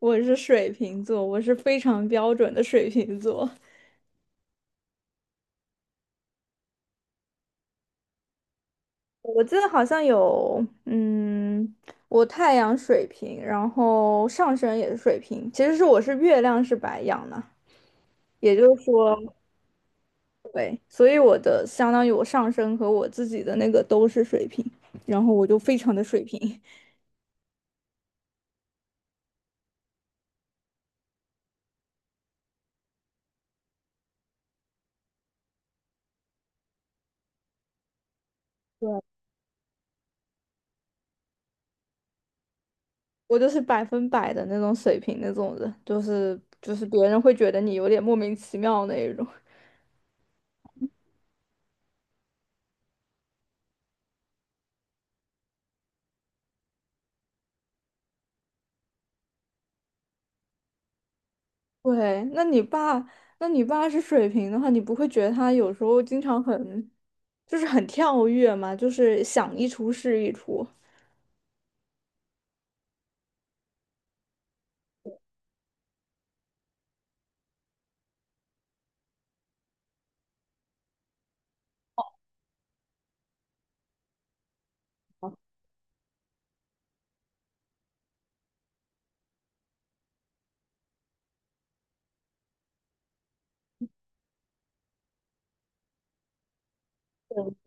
我是水瓶座，我是非常标准的水瓶座。我记得好像有，我太阳水瓶，然后上升也是水瓶，其实是我是月亮是白羊呢，也就是说，对，所以我的相当于我上升和我自己的那个都是水瓶，然后我就非常的水瓶。我就是100%的那种水瓶那种人，就是别人会觉得你有点莫名其妙那一种。对，那你爸是水瓶的话，你不会觉得他有时候经常很，就是很跳跃嘛，就是想一出是一出。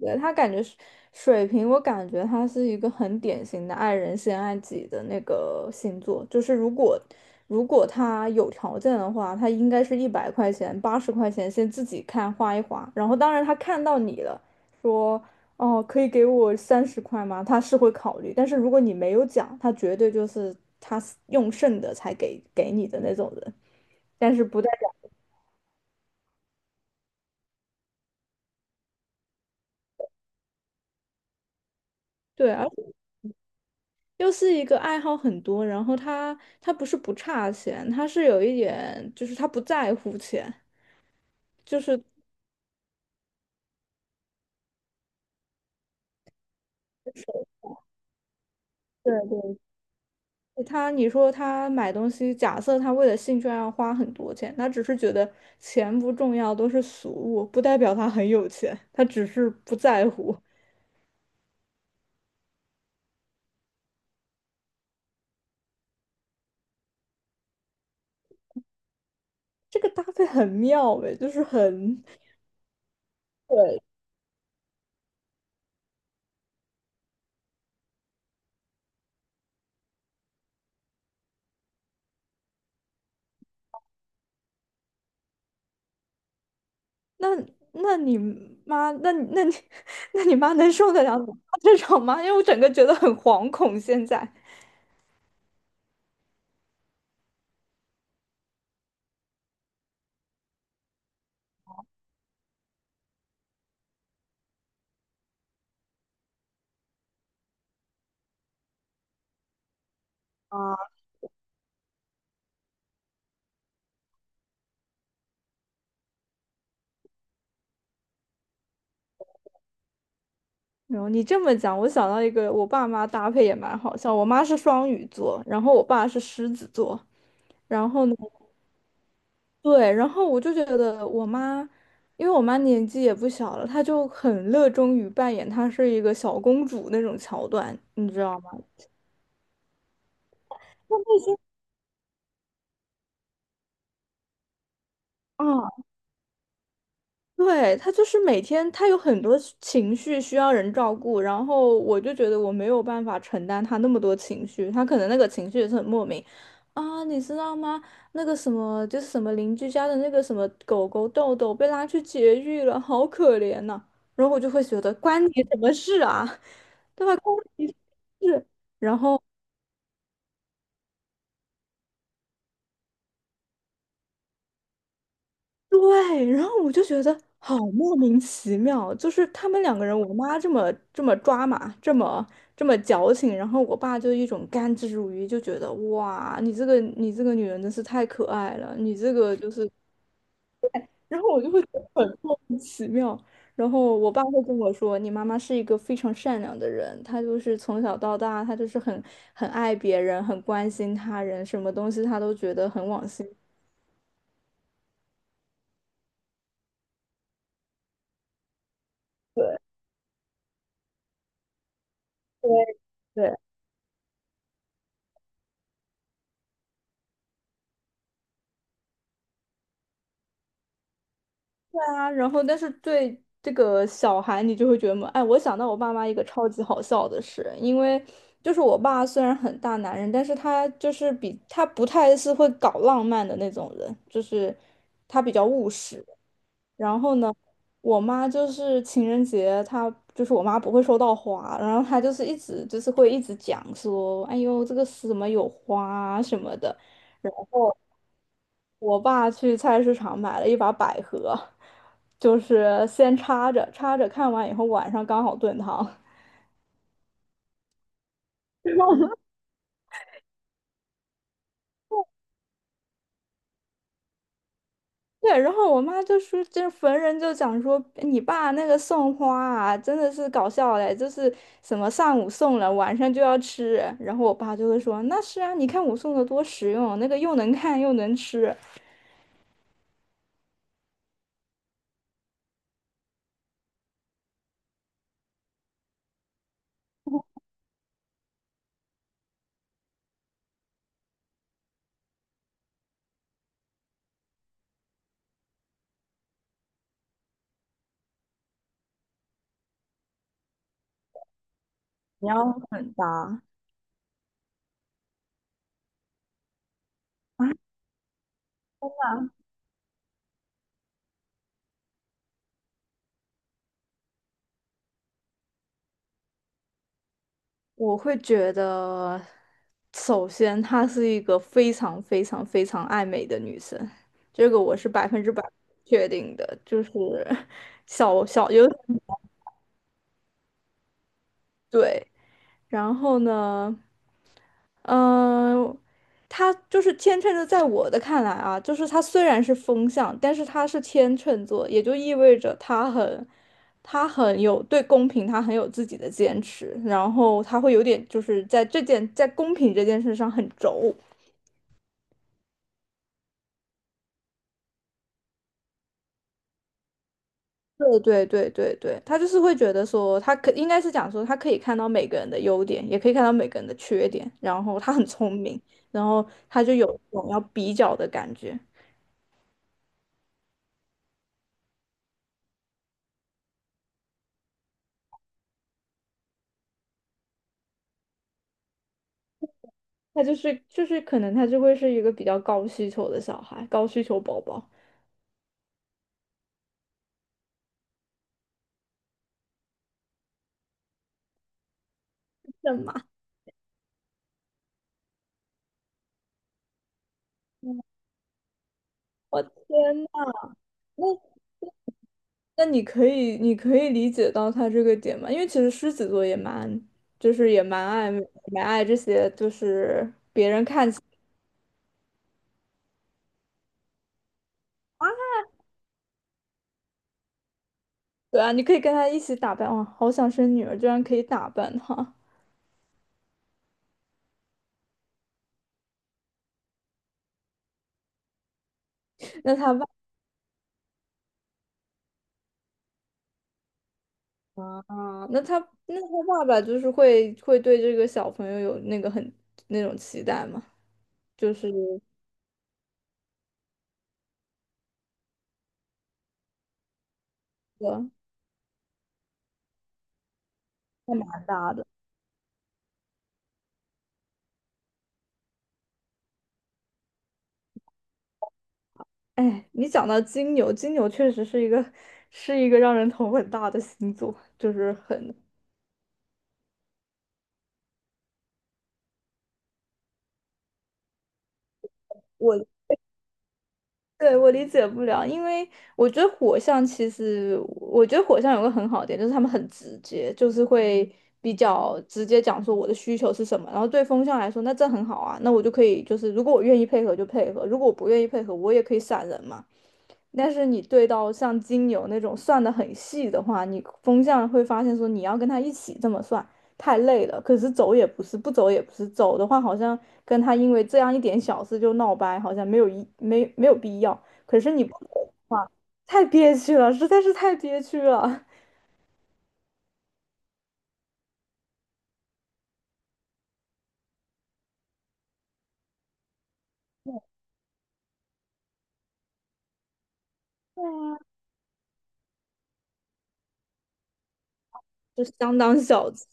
对，他感觉水瓶，我感觉他是一个很典型的爱人先爱己的那个星座。就是如果他有条件的话，他应该是100块钱、80块钱先自己看花一花，然后当然他看到你了，说哦可以给我30块吗？他是会考虑，但是如果你没有讲，他绝对就是他用剩的才给你的那种人，但是不代表。对。而又是一个爱好很多，然后他不是不差钱，他是有一点就是他不在乎钱。就是对对，你说他买东西，假设他为了兴趣爱好花很多钱，他只是觉得钱不重要，都是俗物，不代表他很有钱，他只是不在乎。这个搭配很妙诶，就是很。对，那那你妈，那你那你 那你妈能受得了你妈这种吗？因为我整个觉得很惶恐现在。然后你这么讲，我想到一个，我爸妈搭配也蛮好笑。我妈是双鱼座，然后我爸是狮子座。然后呢，对，然后我就觉得我妈，因为我妈年纪也不小了，她就很热衷于扮演她是一个小公主那种桥段，你知道吗？啊。对，他就是每天他有很多情绪需要人照顾，然后我就觉得我没有办法承担他那么多情绪，他可能那个情绪也是很莫名啊，你知道吗？那个什么就是什么邻居家的那个什么狗狗豆豆被拉去绝育了，好可怜呐、然后我就会觉得关你什么事啊。对吧？关你什么事？然后对，然后我就觉得好莫名其妙，就是他们两个人，我妈这么抓马，这么矫情，然后我爸就一种甘之如饴，就觉得哇，你这个女人真是太可爱了，你这个就是，然后我就会觉得很莫名其妙。然后我爸会跟我说，你妈妈是一个非常善良的人，她就是从小到大，她就是很爱别人，很关心他人，什么东西她都觉得很往心。对对。啊，然后但是对这个小孩，你就会觉得，哎，我想到我爸妈一个超级好笑的事，因为就是我爸虽然很大男人，但是他就是比他不太是会搞浪漫的那种人，就是他比较务实。然后呢，我妈就是情人节，她就是我妈不会收到花，然后她就是一直就是会一直讲说，哎呦，这个是什么有花啊什么的。然后，我爸去菜市场买了一把百合，就是先插着，插着看完以后晚上刚好炖汤。对，然后我妈就说，就是逢人就讲说，哎你爸那个送花啊，真的是搞笑嘞，就是什么上午送了，晚上就要吃。然后我爸就会说，那是啊，你看我送的多实用，那个又能看又能吃。你要很搭。我会觉得，首先她是一个非常非常非常爱美的女生，这个我是100%确定的，就是小小有。对。然后呢，嗯、他就是天秤座，在我的看来啊，就是他虽然是风象，但是他是天秤座，也就意味着他很，他很有对公平，他很有自己的坚持，然后他会有点就是在这件在公平这件事上很轴。对对对对对，他就是会觉得说，他可应该是讲说，他可以看到每个人的优点，也可以看到每个人的缺点，然后他很聪明，然后他就有一种要比较的感觉。他就是就是可能他就会是一个比较高需求的小孩，高需求宝宝。什么？我天呐，那那你可以理解到他这个点吗？因为其实狮子座也蛮就是也蛮爱这些就是。对啊，你可以跟他一起打扮。哇，好想生女儿，居然可以打扮她。那他爸啊，那他那他爸爸就是会会对这个小朋友有那个很那种期待吗？就是一个还蛮大的。哎，你讲到金牛，金牛确实是一个让人头很大的星座，就是很。我对我理解不了，因为我觉得火象其实，我觉得火象有个很好的点，就是他们很直接，就是会比较直接讲说我的需求是什么，然后对风象来说，那这很好啊，那我就可以就是如果我愿意配合就配合，如果我不愿意配合，我也可以闪人嘛。但是你对到像金牛那种算的很细的话，你风向会发现说你要跟他一起这么算，太累了。可是走也不是，不走也不是，走的话好像跟他因为这样一点小事就闹掰，好像没有必要。可是你不走的话，太憋屈了，实在是太憋屈了。就相当小气。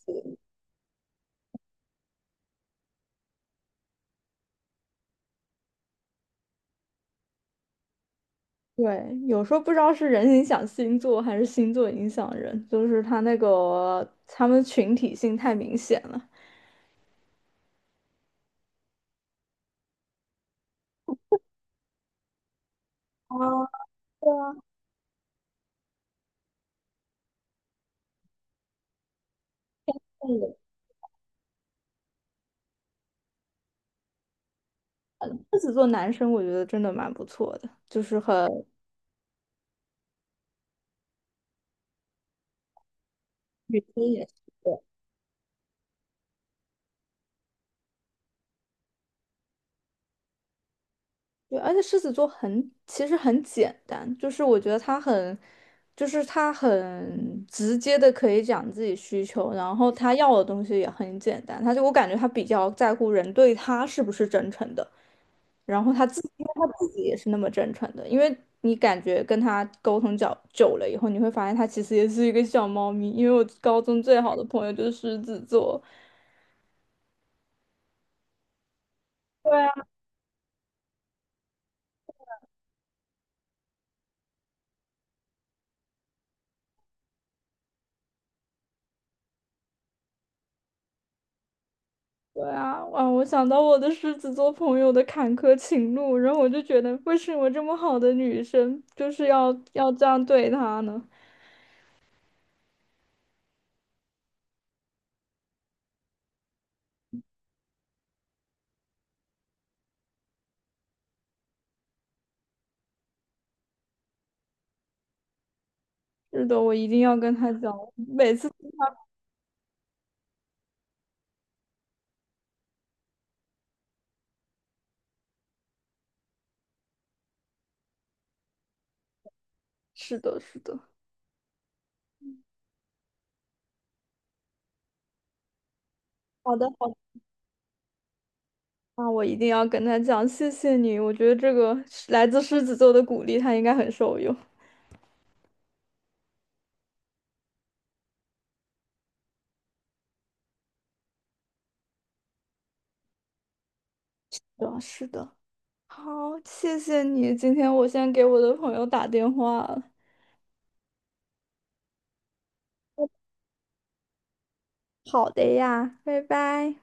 对，有时候不知道是人影响星座还是星座影响人，就是他那个他们群体性太明显了。啊，对啊，嗯狮子座男生我觉得真的蛮不错的，就是很。女生也是。对，对而且狮子座其实很简单，就是我觉得就是他很直接的可以讲自己需求，然后他要的东西也很简单，他就我感觉他比较在乎人对他是不是真诚的，然后他自己因为他自己也是那么真诚的，因为你感觉跟他沟通较久了以后，你会发现他其实也是一个小猫咪，因为我高中最好的朋友就是狮子座。对啊。对啊，哇！我想到我的狮子座朋友的坎坷情路，然后我就觉得，为什么这么好的女生就是要这样对她呢？是的，我一定要跟她讲。是的，是的，好的，好的，那我一定要跟她讲，谢谢你。我觉得这个是来自狮子座的鼓励，她应该很受用。对啊是的，好，谢谢你。今天我先给我的朋友打电话了。好的呀，拜拜。